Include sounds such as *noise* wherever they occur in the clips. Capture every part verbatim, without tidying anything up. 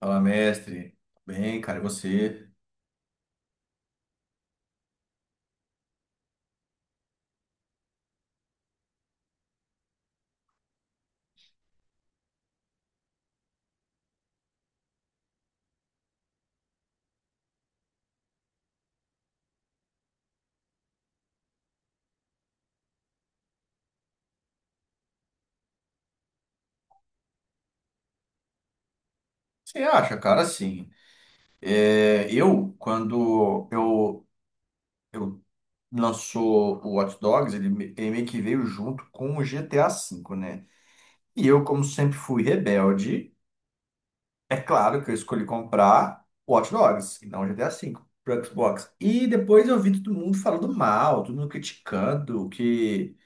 Fala, mestre. Bem, cara, e você? Você acha, cara, assim, é, eu, quando eu, eu lançou o Watch Dogs, ele, me- ele meio que veio junto com o G T A V, né? E eu, como sempre fui rebelde, é claro que eu escolhi comprar o Watch Dogs, e não o G T A V, pro Xbox. E depois eu vi todo mundo falando mal, todo mundo criticando, que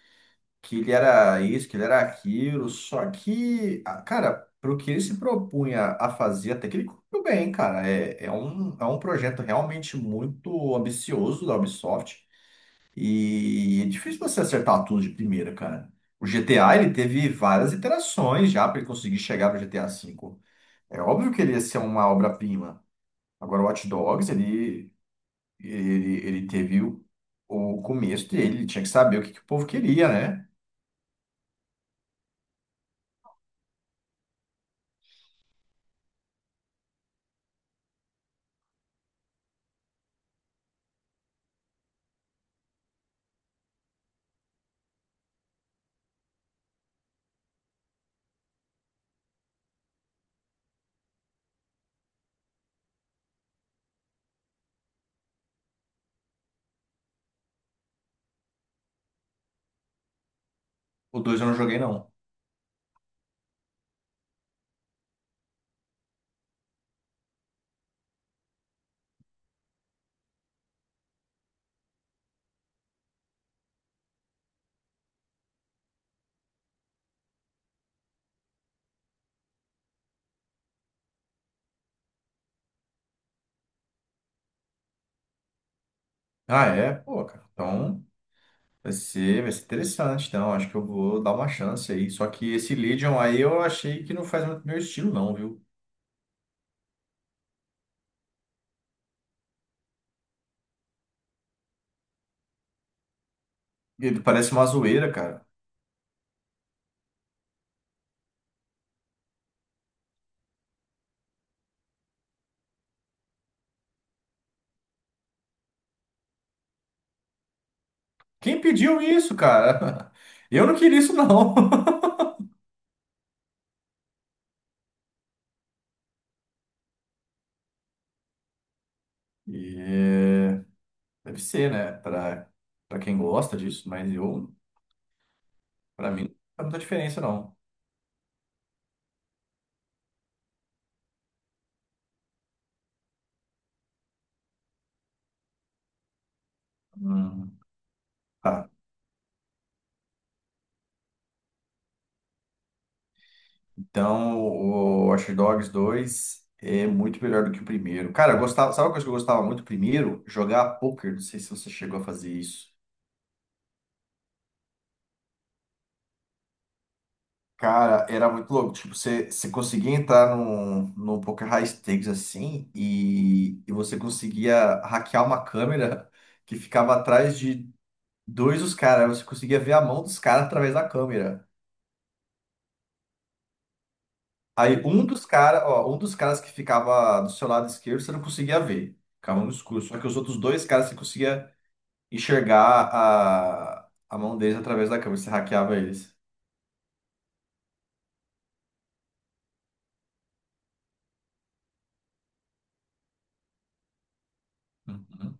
que ele era isso, que ele era aquilo, só que, ah, cara, pro que ele se propunha a fazer, até que ele cumpriu bem, cara. É, é um, é um projeto realmente muito ambicioso da Ubisoft e é difícil você acertar tudo de primeira, cara. O G T A, ele teve várias iterações já para ele conseguir chegar no G T A V. É óbvio que ele ia ser uma obra-prima. Agora, o Watch Dogs, ele, ele, ele teve o, o começo dele, ele tinha que saber o que, que o povo queria, né? O dois eu não joguei, não. Ah, é? Pô, cara. Então vai ser, vai ser interessante. Então, acho que eu vou dar uma chance aí. Só que esse Legion aí eu achei que não faz muito meu estilo, não, viu? Ele parece uma zoeira, cara. Quem pediu isso, cara? *laughs* Eu não queria isso, não. *laughs* E é, deve ser, né? Pra, pra quem gosta disso, mas eu, pra mim, não faz muita diferença, não. Hum. Tá. Então, o Watch Dogs dois é muito melhor do que o primeiro. Cara, eu gostava, sabe uma coisa que eu gostava muito? Primeiro, jogar poker. Não sei se você chegou a fazer isso. Cara, era muito louco. Tipo, você, você conseguia entrar num, num poker high stakes assim e, e você conseguia hackear uma câmera *laughs* que ficava atrás de dois dos caras. Aí, você conseguia ver a mão dos caras através da câmera. Aí um dos caras, ó, um dos caras que ficava do seu lado esquerdo, você não conseguia ver. Ficava no escuro. Só que os outros dois caras você conseguia enxergar a, a mão deles através da câmera. Você hackeava eles. Uhum.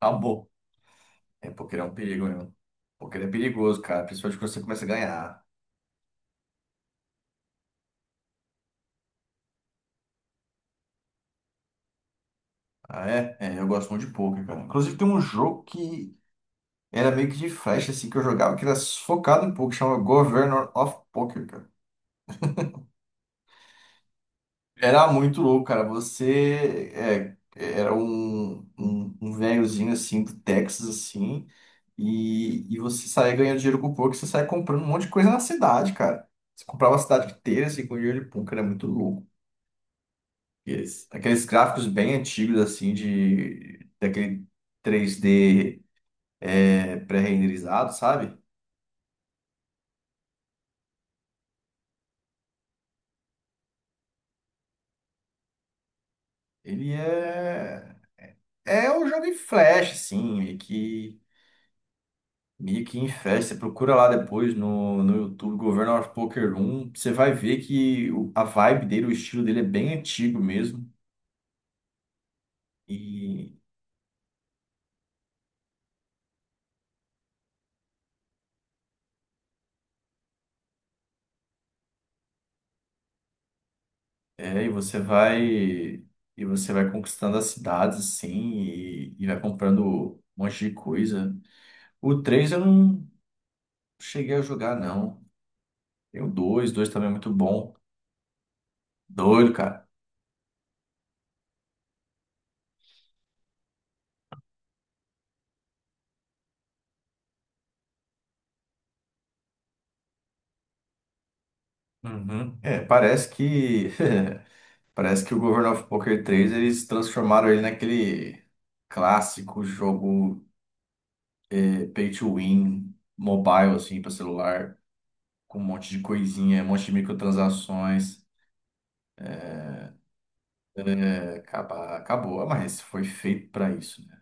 Acabou. É, poker é um perigo mesmo. Poker é perigoso, cara. Principalmente quando você começa a ganhar. Ah, é? É, eu gosto muito de poker, cara. Inclusive tem um jogo que era meio que de flecha, assim, que eu jogava, que era focado em poker, chama Governor of Poker, cara. Era muito louco, cara. Você é, era um, um, um velhozinho assim do Texas, assim, e, e você saía ganhando dinheiro com pouco, você saía comprando um monte de coisa na cidade, cara. Você comprava a cidade inteira assim, com dinheiro de pouco, era muito louco. E eles- Aqueles gráficos bem antigos, assim, de daquele três D, é, pré-renderizado, sabe? Ele é. É um jogo em flash, assim, meio que. Mickey em festa, procura lá depois no, no YouTube, Governo of Poker um, você vai ver que o- a vibe dele, o estilo dele é bem antigo mesmo, e, é, e você vai e você vai conquistando as cidades, assim, e, e vai comprando um monte de coisa. O três eu não cheguei a jogar, não. Tem o dois, dois também é muito bom. Doido, cara. Uhum. É, parece que *laughs* Parece que o Governor of Poker três eles transformaram ele naquele clássico jogo, eh, pay to win, mobile, assim, para celular, com um monte de coisinha, um monte de microtransações. É, acaba, acabou. Ah, mas foi feito para isso, né?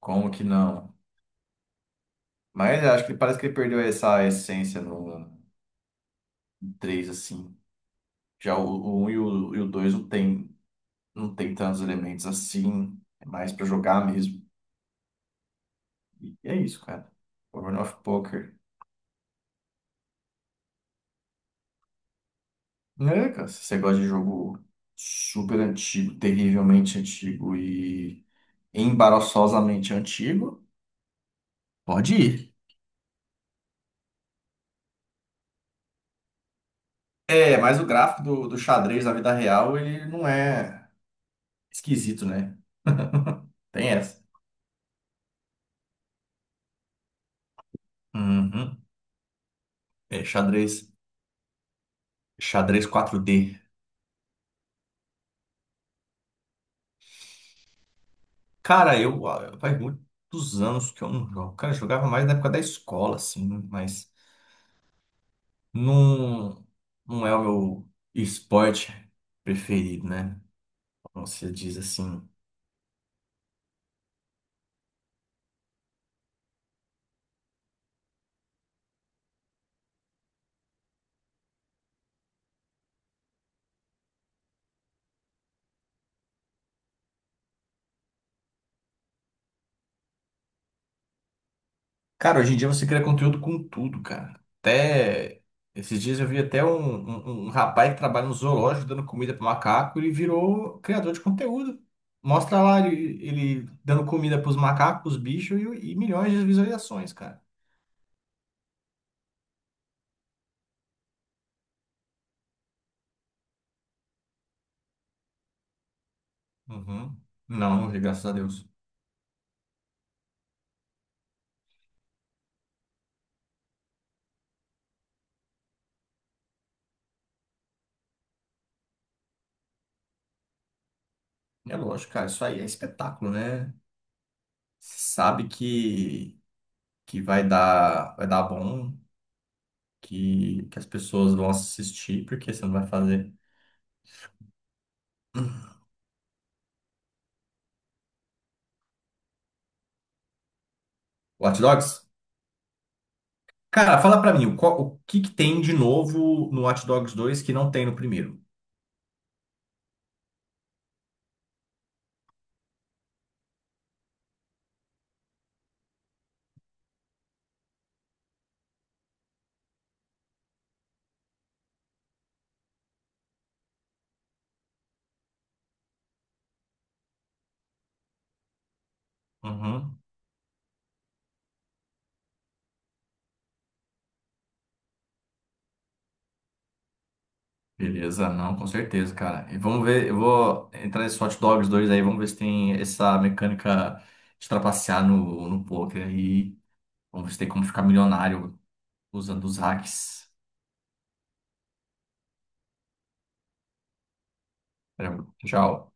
Como que não? Mas eu acho que parece que ele perdeu essa essência no três assim. Já o, o um e o, e o dois não tem, não tem tantos elementos assim, é mais para jogar mesmo. E é isso, cara. Governor of Poker. É, cara, se você gosta de jogo super antigo, terrivelmente antigo e embaraçosamente antigo, pode ir. É, mas o gráfico do, do xadrez na vida real, ele não é esquisito, né? Tem essa. Uhum. É, xadrez, xadrez quatro d. Cara, eu ah, faz muitos anos que eu não jogo. Cara, eu jogava mais na época da escola, assim, mas não, não é o meu esporte preferido, né? Como se diz assim. Cara, hoje em dia você cria conteúdo com tudo, cara. Até esses dias eu vi até um, um, um rapaz que trabalha no zoológico dando comida para macaco e virou criador de conteúdo. Mostra lá ele, ele dando comida para os macacos, os bichos e, e milhões de visualizações, cara. Uhum. Não, não vi, graças a Deus. É lógico, cara, isso aí é espetáculo, né? Sabe que, que vai dar, vai dar bom, que, que as pessoas vão assistir, porque você não vai fazer. Hot Dogs? Cara, fala pra mim, o, qual- o que que tem de novo no Watch Dogs dois que não tem no primeiro? Uhum. Beleza, não, com certeza, cara. E vamos ver, eu vou entrar nesse Hot Dogs dois aí, vamos ver se tem essa mecânica de trapacear no, no poker aí. Vamos ver se tem como ficar milionário usando os hacks. Tchau.